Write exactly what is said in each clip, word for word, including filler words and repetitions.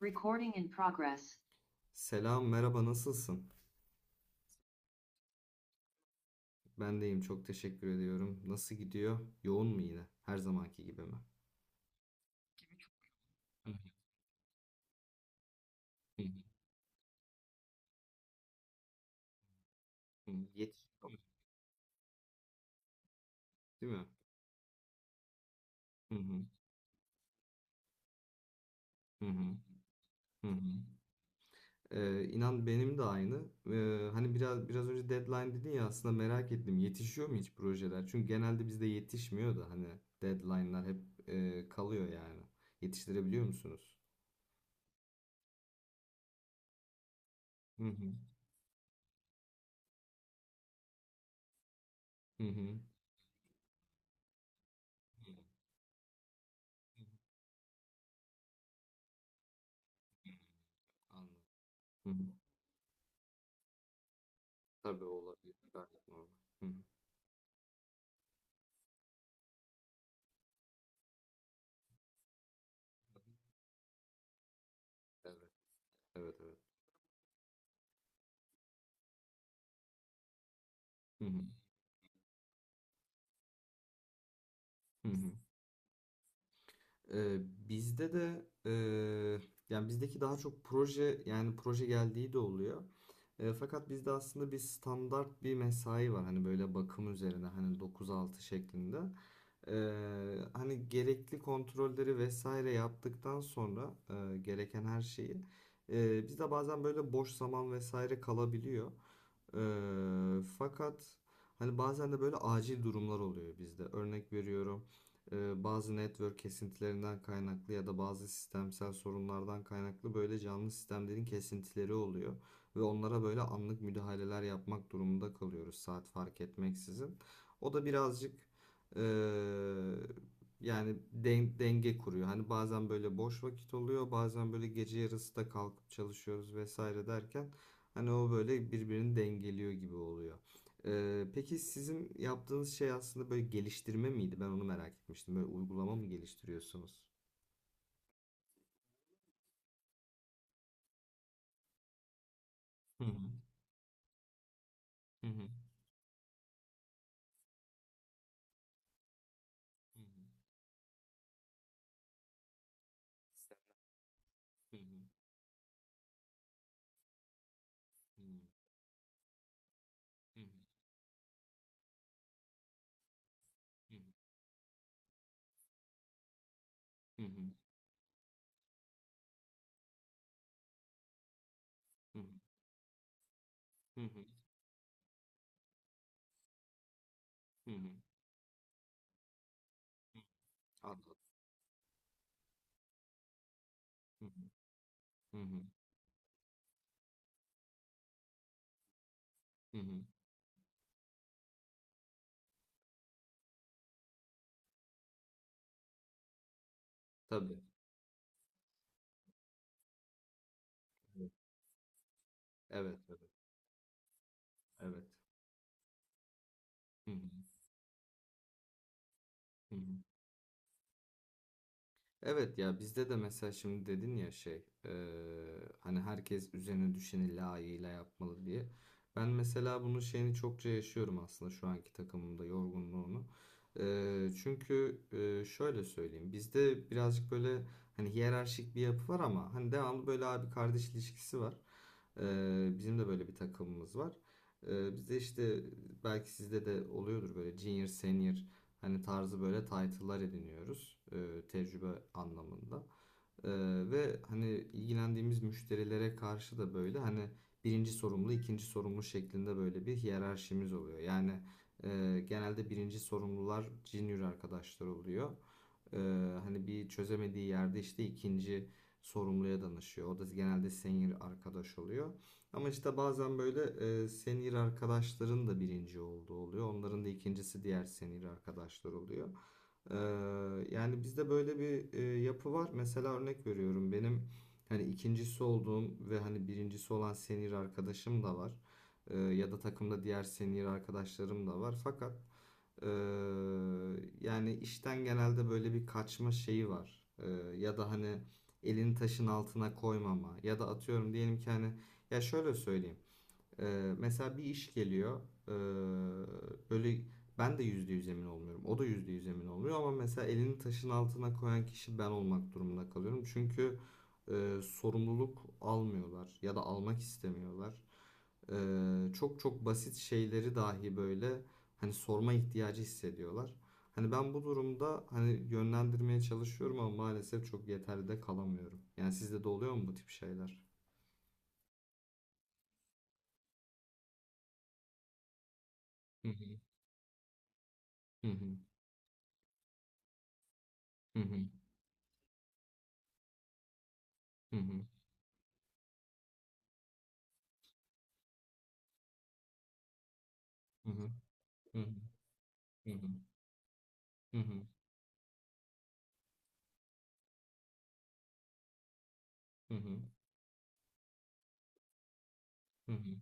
Recording in progress. Selam, merhaba, nasılsın? Ben deyim, çok teşekkür ediyorum. Nasıl gidiyor? Yoğun mu yine? Her zamanki gibi mi? Hı hı. Hı hı. Yetişiyor, değil mi? Hı hı, hı hı, hı hı. Ee, inan benim de aynı. Ee, hani biraz biraz önce deadline dedin ya, aslında merak ettim, yetişiyor mu hiç projeler? Çünkü genelde bizde yetişmiyor da hani deadline'lar hep e, kalıyor yani. Yetiştirebiliyor musunuz? Hı hı hı, hı hı, hı hı. Anladım. Tabii olabilir. Gayet normal. Hı hı. Evet. Evet, evet. Hı hı. Hı hı. Ee, Bizde de eee, yani bizdeki daha çok proje, yani proje geldiği de oluyor. Ee, fakat bizde aslında bir standart bir mesai var, hani böyle bakım üzerine, hani dokuz altı şeklinde. Ee, hani gerekli kontrolleri vesaire yaptıktan sonra e, gereken her şeyi e, bizde bazen böyle boş zaman vesaire kalabiliyor. Ee, fakat hani bazen de böyle acil durumlar oluyor bizde. Örnek veriyorum, e, bazı network kesintilerinden kaynaklı ya da bazı sistemsel sorunlardan kaynaklı böyle canlı sistemlerin kesintileri oluyor. Ve onlara böyle anlık müdahaleler yapmak durumunda kalıyoruz, saat fark etmeksizin. O da birazcık e, yani den- denge kuruyor. Hani bazen böyle boş vakit oluyor, bazen böyle gece yarısı da kalkıp çalışıyoruz vesaire derken, hani o böyle birbirini dengeliyor gibi oluyor. Ee, peki sizin yaptığınız şey aslında böyle geliştirme miydi? Ben onu merak etmiştim. Böyle uygulama mı geliştiriyorsunuz? Hı hı, hı hı, hı hı. Sistemler. Hı hı, hı hı, hı hı, hı hı, hı hı, hı hı, hı hı. Anladım. Hı hı, hı hı, hı hı. Tabii. Evet, evet, evet. evet. Hı hı, hı hı. Evet ya, bizde de mesela şimdi dedin ya şey eee, hani herkes üzerine düşeni layığıyla yapmalı diye. Ben mesela bunun şeyini çokça yaşıyorum aslında şu anki takımımda, yorgunluğunu. Eee, çünkü eee, şöyle söyleyeyim, bizde birazcık böyle hani hiyerarşik bir yapı var ama hani devamlı böyle abi kardeş ilişkisi var. Eee, bizim de böyle bir takımımız var. Eee bizde işte, belki sizde de oluyordur böyle junior senior Hani tarzı böyle title'lar ediniyoruz, e, tecrübe anlamında. E, Ve hani ilgilendiğimiz müşterilere karşı da böyle hani birinci sorumlu, ikinci sorumlu şeklinde böyle bir hiyerarşimiz oluyor. Yani e, genelde birinci sorumlular junior arkadaşlar oluyor. Ee, hani bir çözemediği yerde işte ikinci sorumluya danışıyor. O da genelde senior arkadaş oluyor. Ama işte bazen böyle e, senior arkadaşların da birinci olduğu oluyor. Onların da ikincisi diğer senior arkadaşlar oluyor. Ee, Yani bizde böyle bir e, yapı var. Mesela örnek veriyorum, benim hani ikincisi olduğum ve hani birincisi olan senior arkadaşım da var. Ee, ya da takımda diğer senior arkadaşlarım da var. Fakat ee, yani işten genelde böyle bir kaçma şeyi var. Ee, ya da hani elini taşın altına koymama ya da atıyorum, diyelim ki hani, ya şöyle söyleyeyim. Ee, mesela bir iş geliyor. ee, Böyle ben de yüzde yüz emin olmuyorum. O da yüzde yüz emin olmuyor ama mesela elini taşın altına koyan kişi ben olmak durumunda kalıyorum. Çünkü e, sorumluluk almıyorlar ya da almak istemiyorlar. Ee, çok çok basit şeyleri dahi böyle hani sorma ihtiyacı hissediyorlar. Hani ben bu durumda hani yönlendirmeye çalışıyorum ama maalesef çok yeterli de kalamıyorum. Yani sizde de oluyor mu bu tip şeyler? Hı hı. Hı hı. Hı hı. Hı hı. Hı hı. Hı hı, hı hı, hı hı, hı hı, hı hı,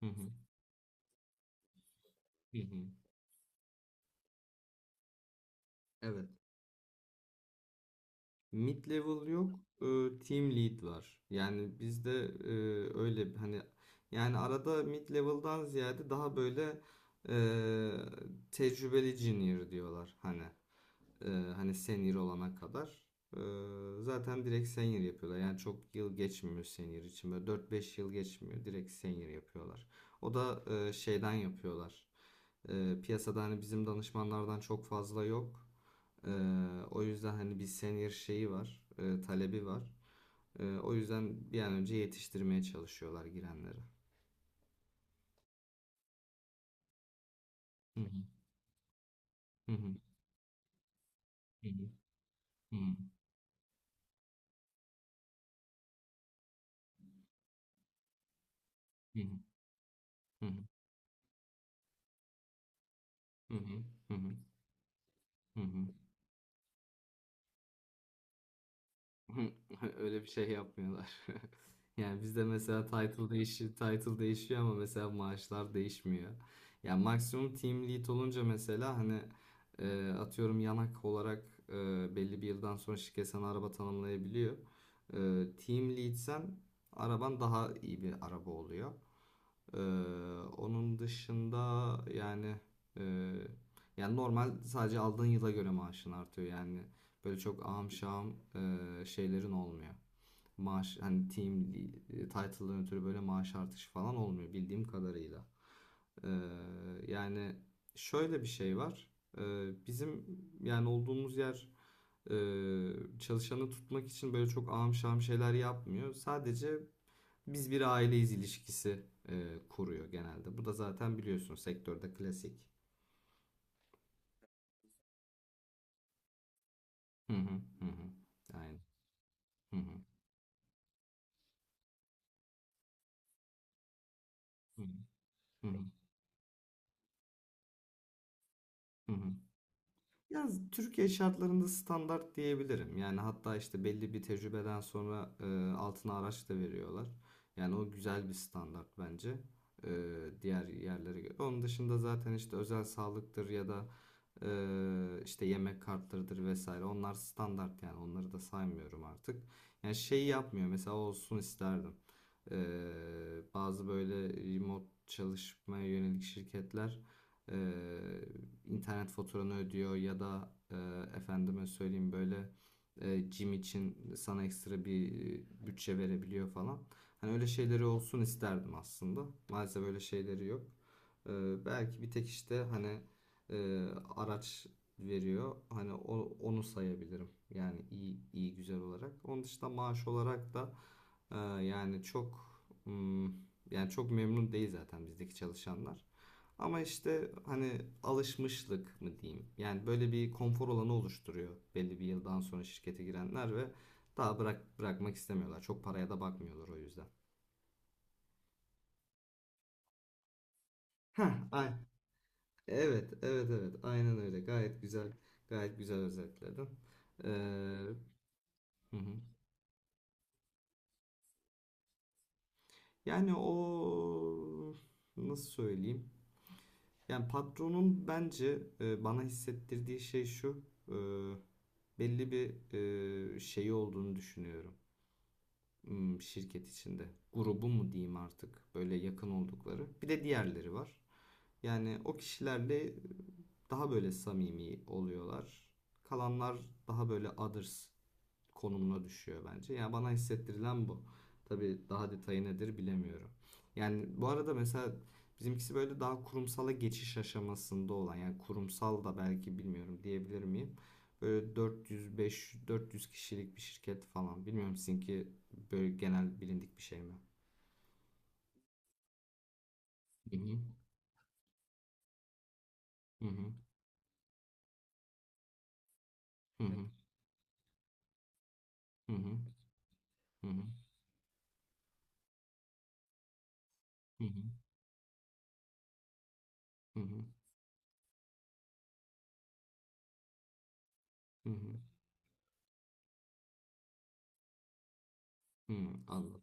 hı hı, hı hı. Evet. Mid level yok, e, team lead var. Yani bizde e, öyle bir- hani, yani arada mid level'dan ziyade daha böyle e, tecrübeli junior diyorlar hani. Ee, Hani senior olana kadar. Ee, zaten direkt senior yapıyorlar. Yani çok yıl geçmiyor senior için. Böyle dört beş yıl geçmiyor. Direkt senior yapıyorlar. O da e, şeyden yapıyorlar. Ee, piyasada hani bizim danışmanlardan çok fazla yok. Ee, O yüzden hani bir senior şeyi var, e, talebi var. Ee, o yüzden bir an önce yetiştirmeye çalışıyorlar girenleri. Hı hı hı hı hı hı hı hı hı hı hı hı hı hı. Hı. Öyle bir şey yapmıyorlar. Yani bizde mesela title değişiyor, title değişiyor ama mesela maaşlar değişmiyor. Yani maksimum team lead olunca mesela hani e, atıyorum yanak olarak, e, belli bir yıldan sonra şirket sana araba tanımlayabiliyor. E, Team leadsen araban daha iyi bir araba oluyor. Ee, Onun dışında yani, e, yani normal, sadece aldığın yıla göre maaşın artıyor yani, böyle çok ahım şahım e, şeylerin olmuyor. Maaş hani team e, title'dan ötürü böyle maaş artışı falan olmuyor, bildiğim kadarıyla. Ee, Yani şöyle bir şey var. Ee, bizim yani olduğumuz yer e, çalışanı tutmak için böyle çok ahım şahım şeyler yapmıyor. Sadece "biz bir aileyiz" ilişkisi e, kuruyor genelde. Bu da zaten biliyorsun sektörde klasik. Hı hı, hı hı. Aynen. Hı hı, hı hı, hı hı. Hı hı. Ya, Türkiye şartlarında standart diyebilirim. Yani hatta işte belli bir tecrübeden sonra e, altına araç da veriyorlar. Yani o güzel bir standart bence, e, diğer yerlere göre. Onun dışında zaten işte özel sağlıktır ya da e, işte yemek kartlarıdır vesaire. Onlar standart, yani onları da saymıyorum artık. Yani şey yapmıyor mesela, olsun isterdim. E, Bazı böyle remote çalışmaya yönelik şirketler e, internet faturanı ödüyor ya da e, efendime söyleyeyim böyle e, gym için sana ekstra bir e, bütçe verebiliyor falan. Hani öyle şeyleri olsun isterdim aslında. Maalesef öyle şeyleri yok. E, Belki bir tek işte hani e, araç veriyor. Hani o- onu sayabilirim. Yani iyi iyi güzel olarak. Onun dışında maaş olarak da e, yani çok hmm, yani çok memnun değil zaten bizdeki çalışanlar. Ama işte hani alışmışlık mı diyeyim. Yani böyle bir konfor alanı oluşturuyor belli bir yıldan sonra şirkete girenler ve daha bırak bırakmak istemiyorlar. Çok paraya da bakmıyorlar o yüzden. Heh, ay- evet, evet, evet. Aynen öyle. Gayet güzel, gayet güzel özetledin. Ee, hı hı. Yani o, nasıl söyleyeyim? Yani patronun bence e, bana hissettirdiği şey şu: e, belli bir e, şeyi olduğunu düşünüyorum, hmm, şirket içinde. Grubu mu diyeyim artık, böyle yakın oldukları. Bir de diğerleri var. Yani o kişilerle daha böyle samimi oluyorlar. Kalanlar daha böyle others konumuna düşüyor bence. Yani bana hissettirilen bu. Tabii daha detayı nedir bilemiyorum. Yani bu arada, mesela bizimkisi böyle daha kurumsala geçiş aşamasında olan, yani kurumsal da belki, bilmiyorum, diyebilir miyim? Böyle dört yüz beş dört yüz kişilik bir şirket falan. Bilmiyorum, sizinki böyle genel bilindik bir şey mi? Hı hı. Hı hı. Hı hı. Hı hı. Hı hı. Hı hı. Hı hı. Hı hı. Hı hı.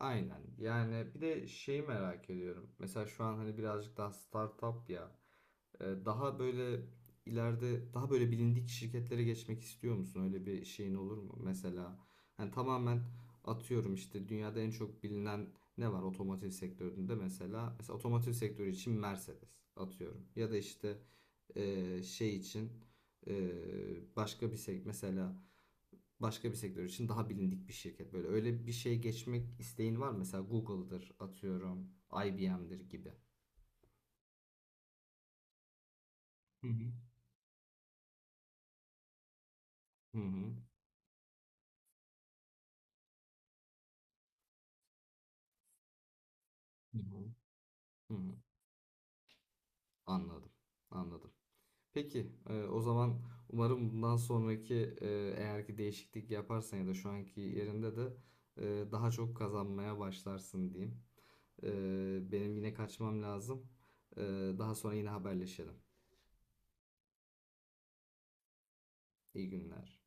Aynen. Yani bir de şeyi merak ediyorum. Mesela şu an hani birazcık daha startup ya. Ee, Daha böyle ileride daha böyle bilindik şirketlere geçmek istiyor musun? Öyle bir şeyin olur mu? Mesela hani tamamen atıyorum işte dünyada en çok bilinen ne var otomotiv sektöründe mesela. Mesela otomotiv sektörü için Mercedes atıyorum. Ya da işte e, şey için e, başka bir sektör, mesela başka bir sektör için daha bilindik bir şirket. Böyle öyle bir şey, geçmek isteğin var mı? Mesela Google'dır atıyorum, I B M'dir gibi. Hı hı. Hı hı. Hı hı. Hı hı, anladım. Anladım. Peki, e, o zaman umarım bundan sonraki, e, eğer ki değişiklik yaparsan ya da şu anki yerinde de e, daha çok kazanmaya başlarsın diyeyim. E, benim yine kaçmam lazım. E, Daha sonra yine haberleşelim. İyi günler.